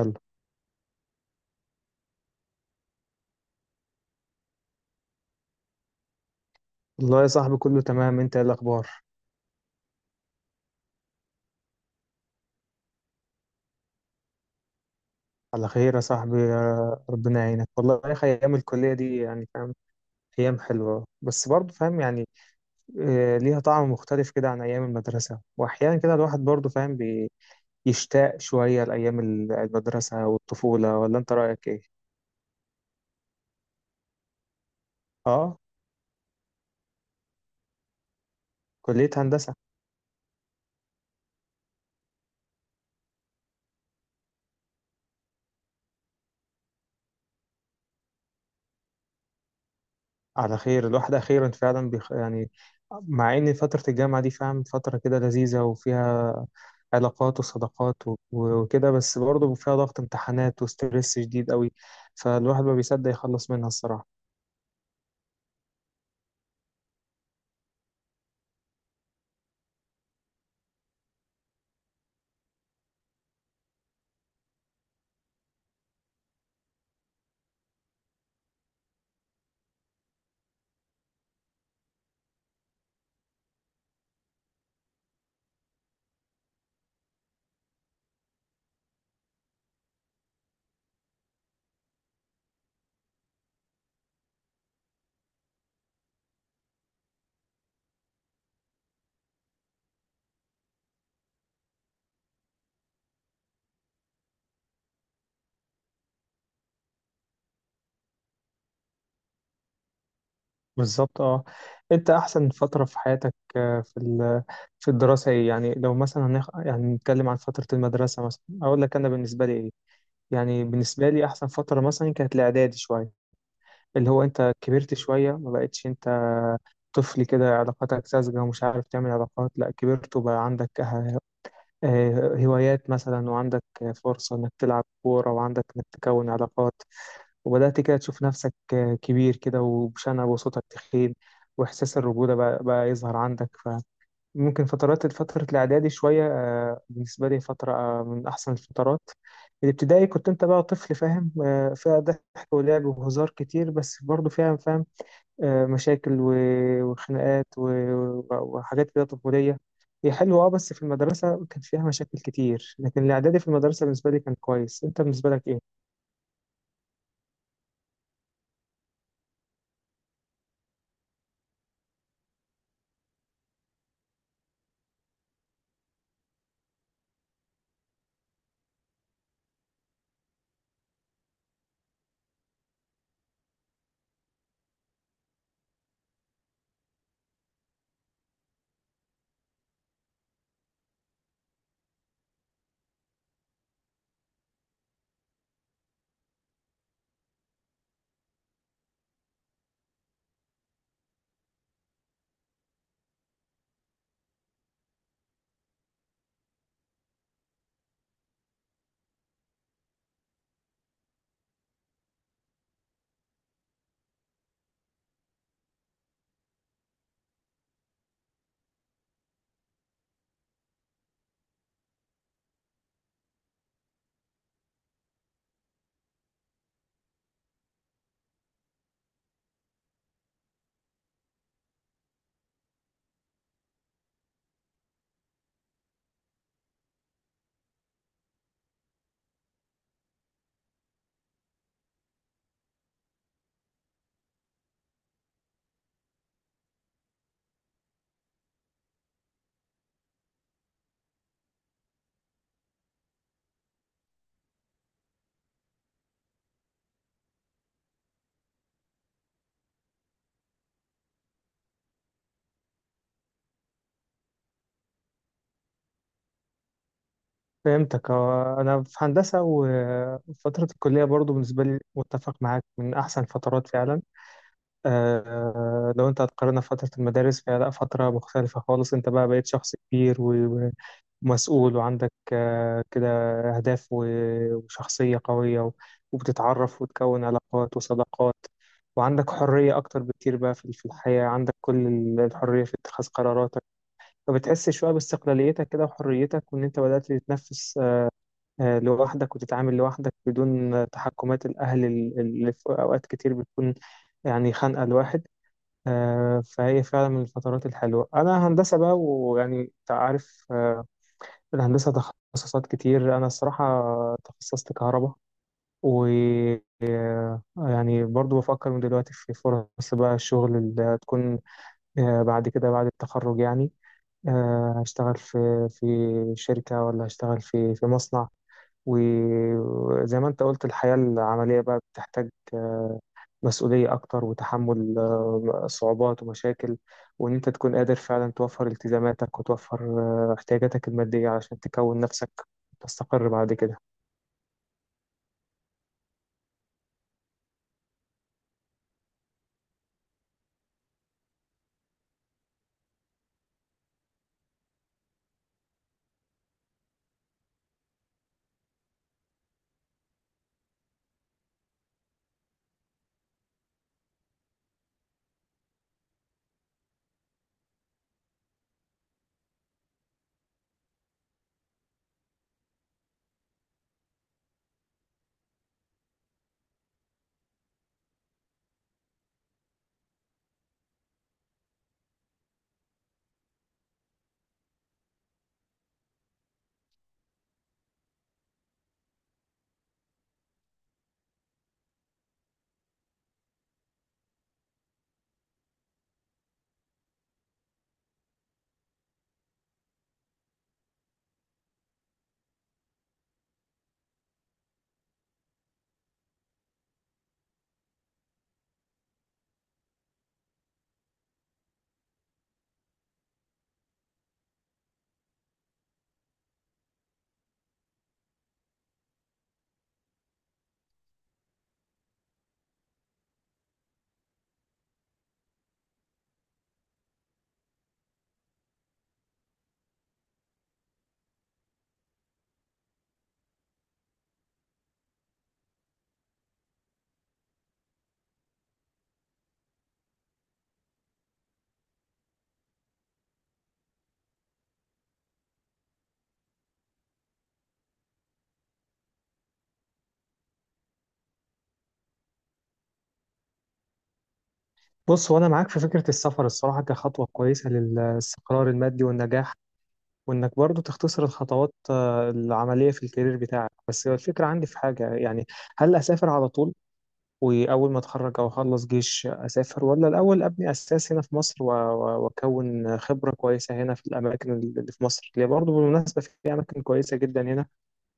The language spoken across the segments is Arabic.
يلا. والله يا صاحبي كله تمام. انت ايه الاخبار؟ على خير يا صاحبي، يا ربنا يعينك. والله يا اخي ايام الكليه دي يعني فاهم، ايام حلوه بس برضه فاهم يعني. ليها طعم مختلف كده عن ايام المدرسه، واحيانا كده الواحد برضه فاهم بيشتاق شويه لايام المدرسه والطفوله. ولا انت رايك ايه؟ اه. كليه هندسه. على خير، الواحد أخيرا فعلا يعني. مع إن فترة الجامعة دي فاهم فترة كده لذيذة، وفيها علاقات وصداقات وكده، بس برضه فيها ضغط امتحانات وستريس شديد قوي، فالواحد ما بيصدق يخلص منها الصراحة. بالظبط اه. انت احسن فترة في حياتك في الدراسة ايه؟ يعني لو مثلا يعني نتكلم عن فترة المدرسة، مثلا اقول لك انا بالنسبة لي ايه. يعني بالنسبة لي احسن فترة مثلا كانت الاعدادي شوية، اللي هو انت كبرت شوية، ما بقتش انت طفل كده، علاقاتك ساذجة ومش عارف تعمل علاقات. لا، كبرت وبقى عندك اه هوايات مثلا، وعندك فرصة انك تلعب كورة، وعندك انك تكون علاقات، وبدأت كده تشوف نفسك اه كبير كده وبشنب وصوتك تخين، وإحساس الرجولة بقى يظهر عندك. فممكن فترة الإعدادي شوية اه، بالنسبة لي فترة اه من أحسن الفترات. الابتدائي كنت انت بقى طفل فاهم، فيها ضحك ولعب وهزار كتير، بس برضه فيها فاهم مشاكل وخناقات وحاجات كده طفولية. هي حلوة اه، بس في المدرسة كان فيها مشاكل كتير، لكن الإعدادي في المدرسة بالنسبة لي كان كويس. أنت بالنسبة لك إيه؟ فهمتك. أنا في هندسة، وفترة الكلية برضو بالنسبة لي متفق معاك من أحسن فترات فعلا. لو أنت هتقارنها بفترة المدارس فهي لأ، فترة مختلفة خالص. أنت بقى بقيت شخص كبير و مسؤول وعندك كده أهداف وشخصية قوية، وبتتعرف وتكون علاقات وصداقات، وعندك حرية أكتر بكتير بقى في الحياة. عندك كل الحرية في اتخاذ قراراتك، فبتحس شوية باستقلاليتك كده وحريتك، وإن أنت بدأت تتنفس لوحدك، وتتعامل لوحدك بدون تحكمات الأهل اللي في أوقات كتير بتكون يعني خانقة الواحد. فهي فعلا من الفترات الحلوة. أنا هندسة بقى، ويعني أنت عارف الهندسة تخصصات كتير. أنا الصراحة تخصصت كهرباء، و يعني برضو بفكر من دلوقتي في فرص بقى الشغل اللي هتكون بعد كده بعد التخرج يعني. هشتغل في في شركة ولا هشتغل في مصنع؟ وزي ما انت قلت الحياة العملية بقى بتحتاج مسؤولية أكتر، وتحمل صعوبات ومشاكل، وإن أنت تكون قادر فعلا توفر التزاماتك، وتوفر احتياجاتك المادية علشان تكون نفسك وتستقر بعد كده. بص، وأنا معاك في فكرة السفر الصراحة كخطوة كويسة للاستقرار المادي والنجاح، وإنك برضو تختصر الخطوات العملية في الكارير بتاعك. بس الفكرة عندي في حاجة يعني، هل أسافر على طول واول ما اتخرج او اخلص جيش اسافر، ولا الاول ابني اساس هنا في مصر واكون خبره كويسه هنا في الاماكن اللي في مصر، اللي برضه بالمناسبه في اماكن كويسه جدا هنا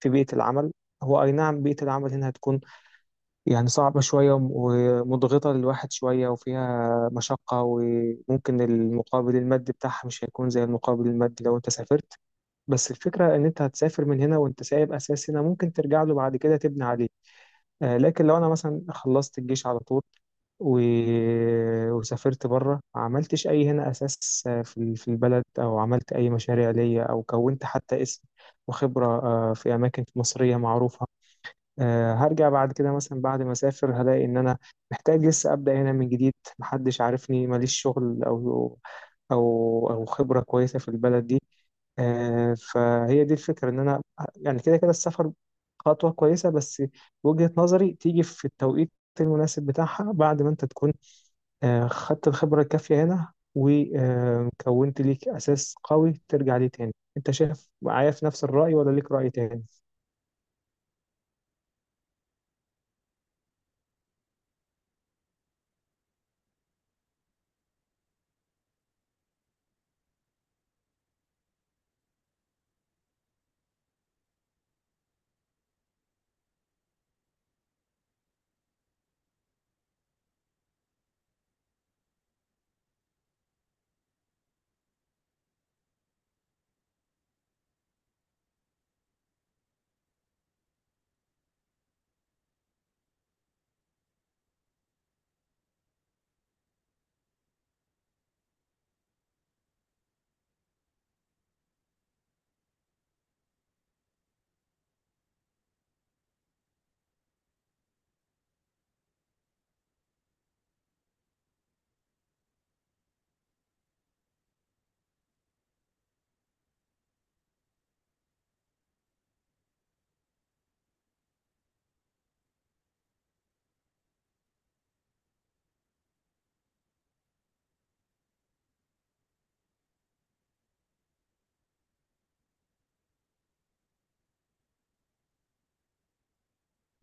في بيئه العمل. هو اي نعم بيئه العمل هنا هتكون يعني صعبه شويه ومضغطه للواحد شويه وفيها مشقه، وممكن المقابل المادي بتاعها مش هيكون زي المقابل المادي لو انت سافرت. بس الفكره ان انت هتسافر من هنا وانت سايب اساس هنا ممكن ترجع له بعد كده تبني عليه. لكن لو انا مثلا خلصت الجيش على طول و... وسافرت بره ما عملتش اي هنا اساس في في البلد، او عملت اي مشاريع ليا، او كونت حتى اسم وخبره في اماكن مصريه معروفه، هرجع بعد كده. مثلا بعد ما اسافر هلاقي ان انا محتاج لسه ابدا هنا من جديد، محدش عارفني، ماليش شغل او او خبره كويسه في البلد دي. فهي دي الفكره ان انا يعني كده كده السفر خطوه كويسه، بس وجهه نظري تيجي في التوقيت المناسب بتاعها، بعد ما انت تكون خدت الخبرة الكافية هنا وكونت ليك أساس قوي ترجع ليه تاني. أنت شايف معايا في نفس الرأي ولا ليك رأي تاني؟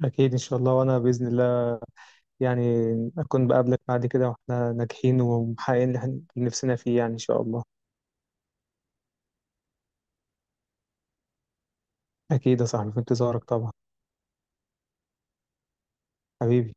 أكيد إن شاء الله. وأنا بإذن الله يعني أكون بقابلك بعد كده وإحنا ناجحين ومحققين اللي نفسنا فيه يعني، إن شاء الله. أكيد يا صاحبي، في انتظارك طبعا. حبيبي.